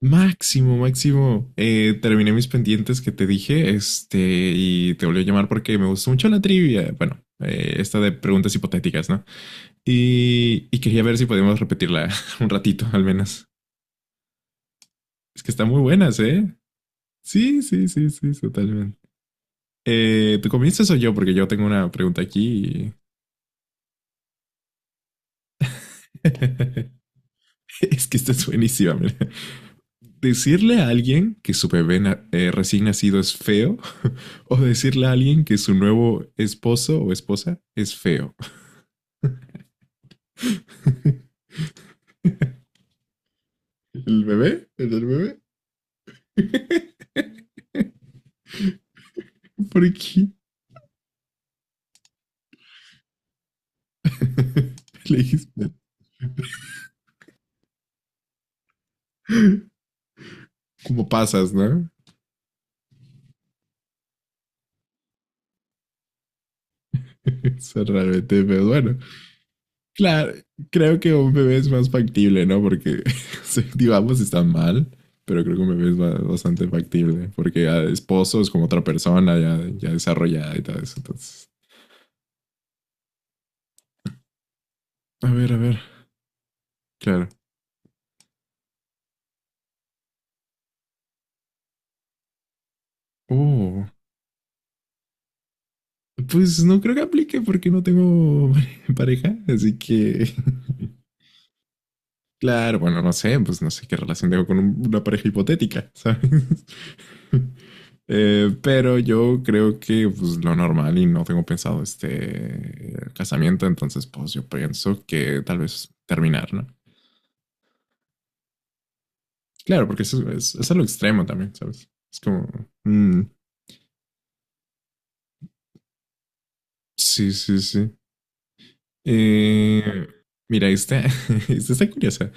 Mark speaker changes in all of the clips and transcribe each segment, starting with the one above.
Speaker 1: Máximo, máximo. Terminé mis pendientes que te dije, y te volví a llamar porque me gustó mucho la trivia. Bueno, esta de preguntas hipotéticas, ¿no? Y quería ver si podíamos repetirla un ratito, al menos. Es que están muy buenas, ¿eh? Sí, totalmente. ¿Tú comienzas o yo? Porque yo tengo una pregunta aquí. Es que esta es buenísima, mira. Decirle a alguien que su recién nacido es feo, o decirle a alguien que su nuevo esposo o esposa es feo. ¿El bebé? ¿El del bebé? ¿Por qué? Como pasas, ¿no? Eso es realmente, pero bueno, claro, creo que un bebé es más factible, ¿no? Porque sí, digamos, está mal, pero creo que un bebé es bastante factible, porque ya esposo es como otra persona ya, ya desarrollada y todo eso. Entonces, a ver, claro. Oh, pues no creo que aplique porque no tengo pareja, así que claro, bueno, no sé, pues no sé qué relación tengo con una pareja hipotética, ¿sabes? Pero yo creo que pues lo normal, y no tengo pensado este casamiento, entonces pues yo pienso que tal vez terminar, ¿no? Claro, porque eso es a lo extremo también, ¿sabes? Es como, mm, sí, sí, sí. Eh, Mira, esta, esta está curiosa.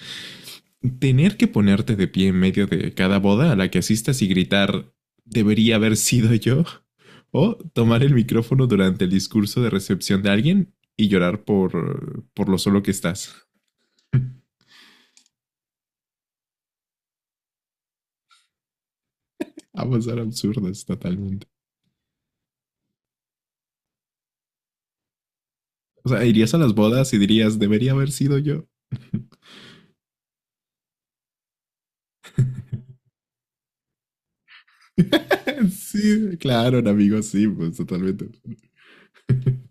Speaker 1: Tener que ponerte de pie en medio de cada boda a la que asistas y gritar, debería haber sido yo, o tomar el micrófono durante el discurso de recepción de alguien y llorar por lo solo que estás. Ambas eran absurdas totalmente. O sea, irías a las bodas y dirías, debería haber sido yo. Sí, claro, amigo, sí, pues totalmente.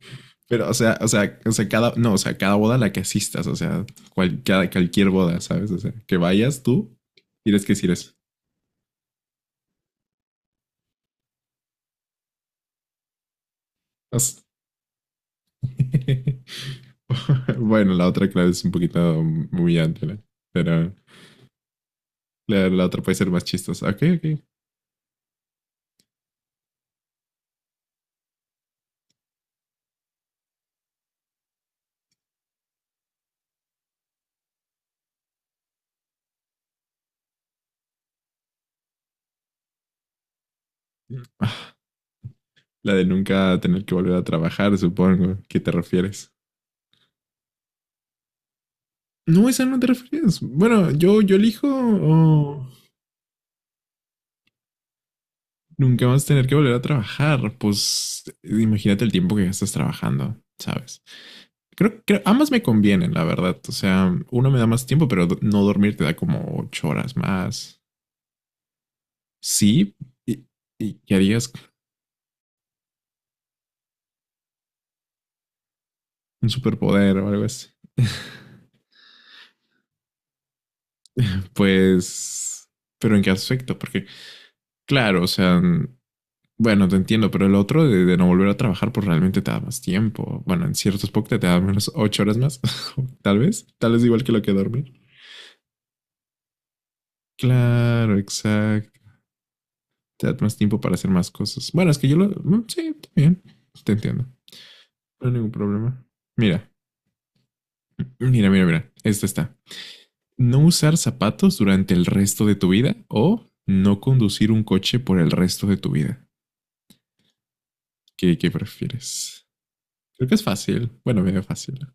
Speaker 1: Pero, o sea, o sea, o sea, cada, no, o sea, cada boda a la que asistas, o sea, cualquier boda, ¿sabes? O sea, que vayas tú, tienes que decir eso. O sea, bueno, la otra, claro, es un poquito humillante, ¿no? Pero la otra puede ser más chistosa. Ok, ok. Ah. La de nunca tener que volver a trabajar, supongo. ¿Qué te refieres? No, esa no te refieres. Bueno, yo elijo, oh, nunca más tener que volver a trabajar. Pues imagínate el tiempo que gastas trabajando, ¿sabes? Creo que ambas me convienen, la verdad. O sea, uno me da más tiempo, pero no dormir te da como 8 horas más. Sí, y, y ¿qué harías un superpoder o algo así? Pues, pero ¿en qué aspecto? Porque claro, o sea, bueno, te entiendo, pero el otro de no volver a trabajar, pues realmente te da más tiempo. Bueno, en ciertos pocket te da menos, 8 horas más, tal vez. Tal vez igual que lo que dormir. Claro, exacto. Te da más tiempo para hacer más cosas. Bueno, es que yo lo... sí, está bien. Te entiendo. No hay ningún problema. Mira, mira. Esta está. No usar zapatos durante el resto de tu vida, o no conducir un coche por el resto de tu vida. ¿Qué, qué prefieres? Creo que es fácil. Bueno, medio fácil.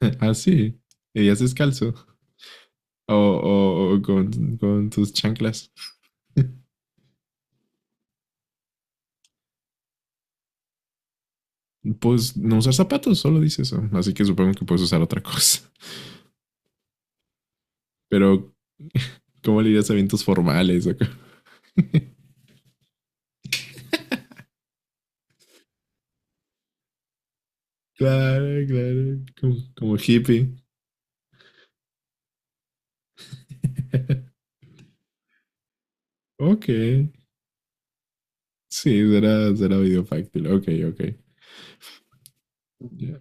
Speaker 1: Así. Ah, sí. Y ya descalzo. O con tus chanclas. Pues no usar zapatos, solo dice eso. Así que supongo que puedes usar otra cosa. Pero, ¿cómo le dirías a eventos formales? Claro, claro. Como, como hippie. Ok. Sí, será, será video fácil. Ok, ok. Ya.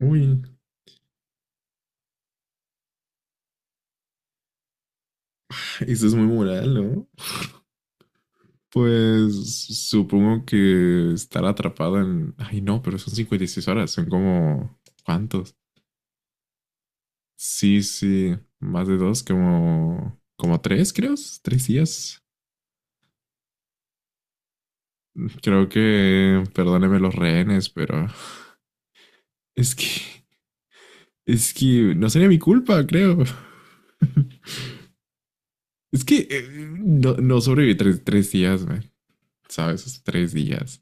Speaker 1: Uy, eso es muy moral, ¿no? Pues supongo que estar atrapado en... Ay, no, pero son 56 horas. Son como... ¿Cuántos? Sí, sí, más de dos, como, como tres, creo, tres días. Creo que, perdóneme los rehenes, pero es que, es que no sería mi culpa, creo. Es que no, no sobreviví tres días, man, ¿sabes? Es tres días.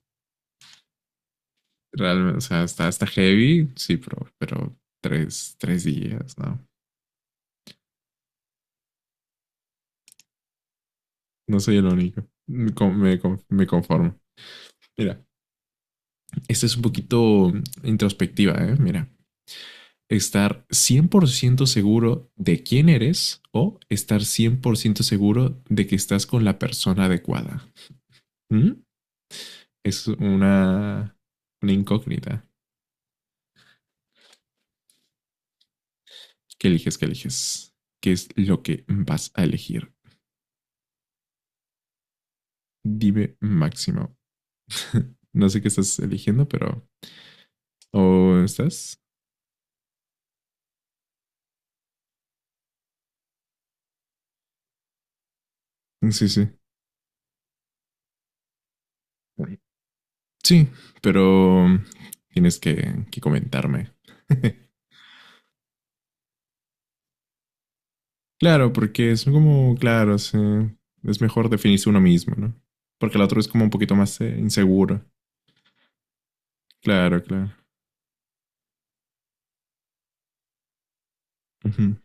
Speaker 1: Realmente, o sea, está heavy, sí, pero tres días, no. No soy el único. Me conformo. Mira, esta es un poquito introspectiva, ¿eh? Mira. Estar 100% seguro de quién eres, o estar 100% seguro de que estás con la persona adecuada. ¿Mm? Es una incógnita. ¿Qué eliges? ¿Qué eliges? ¿Qué es lo que vas a elegir? Dime máximo. No sé qué estás eligiendo, pero... ¿O estás? Sí, sí. Sí, pero tienes que comentarme. Claro, porque es como, claro, sí, es mejor definirse uno mismo, ¿no? Porque el otro es como un poquito más inseguro. Claro, claro. Ujú.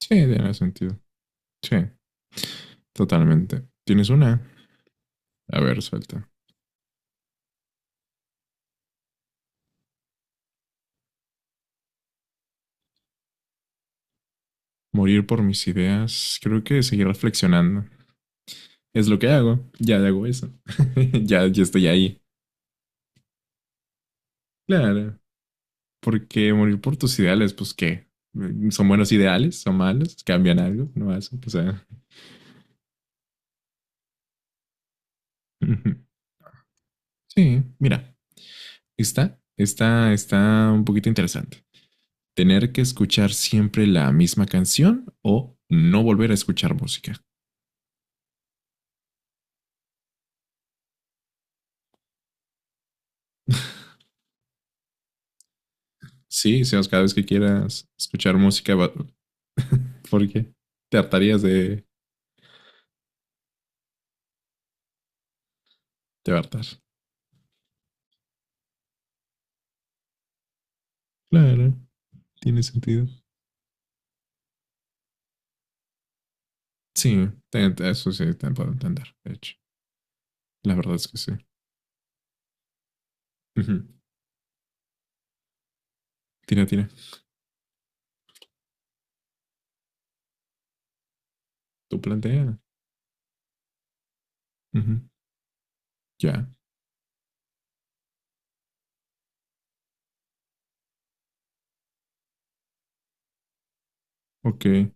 Speaker 1: Sí, tiene sentido. Sí, totalmente. ¿Tienes una? A ver, suelta. Morir por mis ideas. Creo que seguir reflexionando. Es lo que hago. Ya hago eso. Ya, ya estoy ahí. Claro. Porque morir por tus ideales, pues qué. ¿Son buenos ideales? ¿Son malos? ¿Cambian algo? No hacen. O sea. Sí, mira. Está un poquito interesante. Tener que escuchar siempre la misma canción, o no volver a escuchar música. Sí, Sebas, cada vez que quieras escuchar música, porque te hartarías te va a hartar. Claro, tiene sentido. Sí, eso sí, te puedo entender, de hecho. La verdad es que sí. Ujú. Tira, tira. Tú plantea. Ujú. Ya. Yeah. Ok.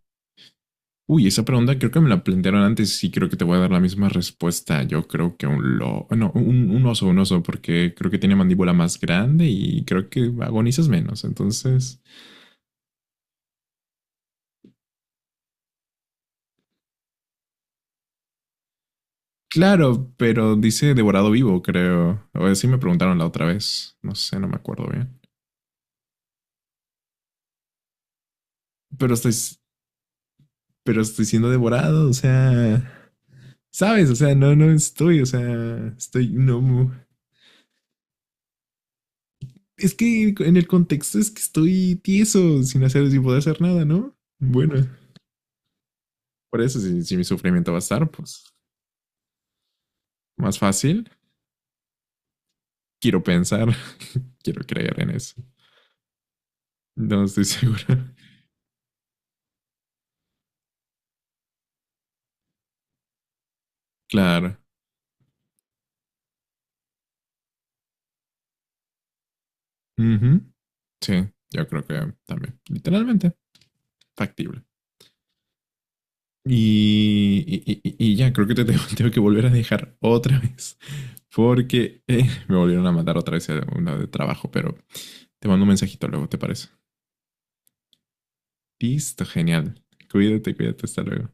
Speaker 1: Uy, esa pregunta creo que me la plantearon antes, y creo que te voy a dar la misma respuesta. Yo creo que un un oso, porque creo que tiene mandíbula más grande y creo que agonizas menos. Entonces, claro, pero dice devorado vivo, creo. O así me preguntaron la otra vez. No sé, no me acuerdo bien. Pero estoy, pero estoy siendo devorado, o sea, sabes, no estoy, o sea, estoy, no, mu- es que en el contexto es que estoy tieso, sin hacer, sin poder hacer nada, ¿no? Bueno. Por eso, si, si mi sufrimiento va a estar, pues más fácil. Quiero pensar, quiero creer en eso. No estoy seguro. Claro. Ujú. Sí, yo creo que también. Literalmente, factible. Y ya, creo que te tengo que volver a dejar otra vez. Porque me volvieron a mandar otra vez a una de trabajo, pero te mando un mensajito luego, ¿te parece? Listo, genial. Cuídate, cuídate, hasta luego.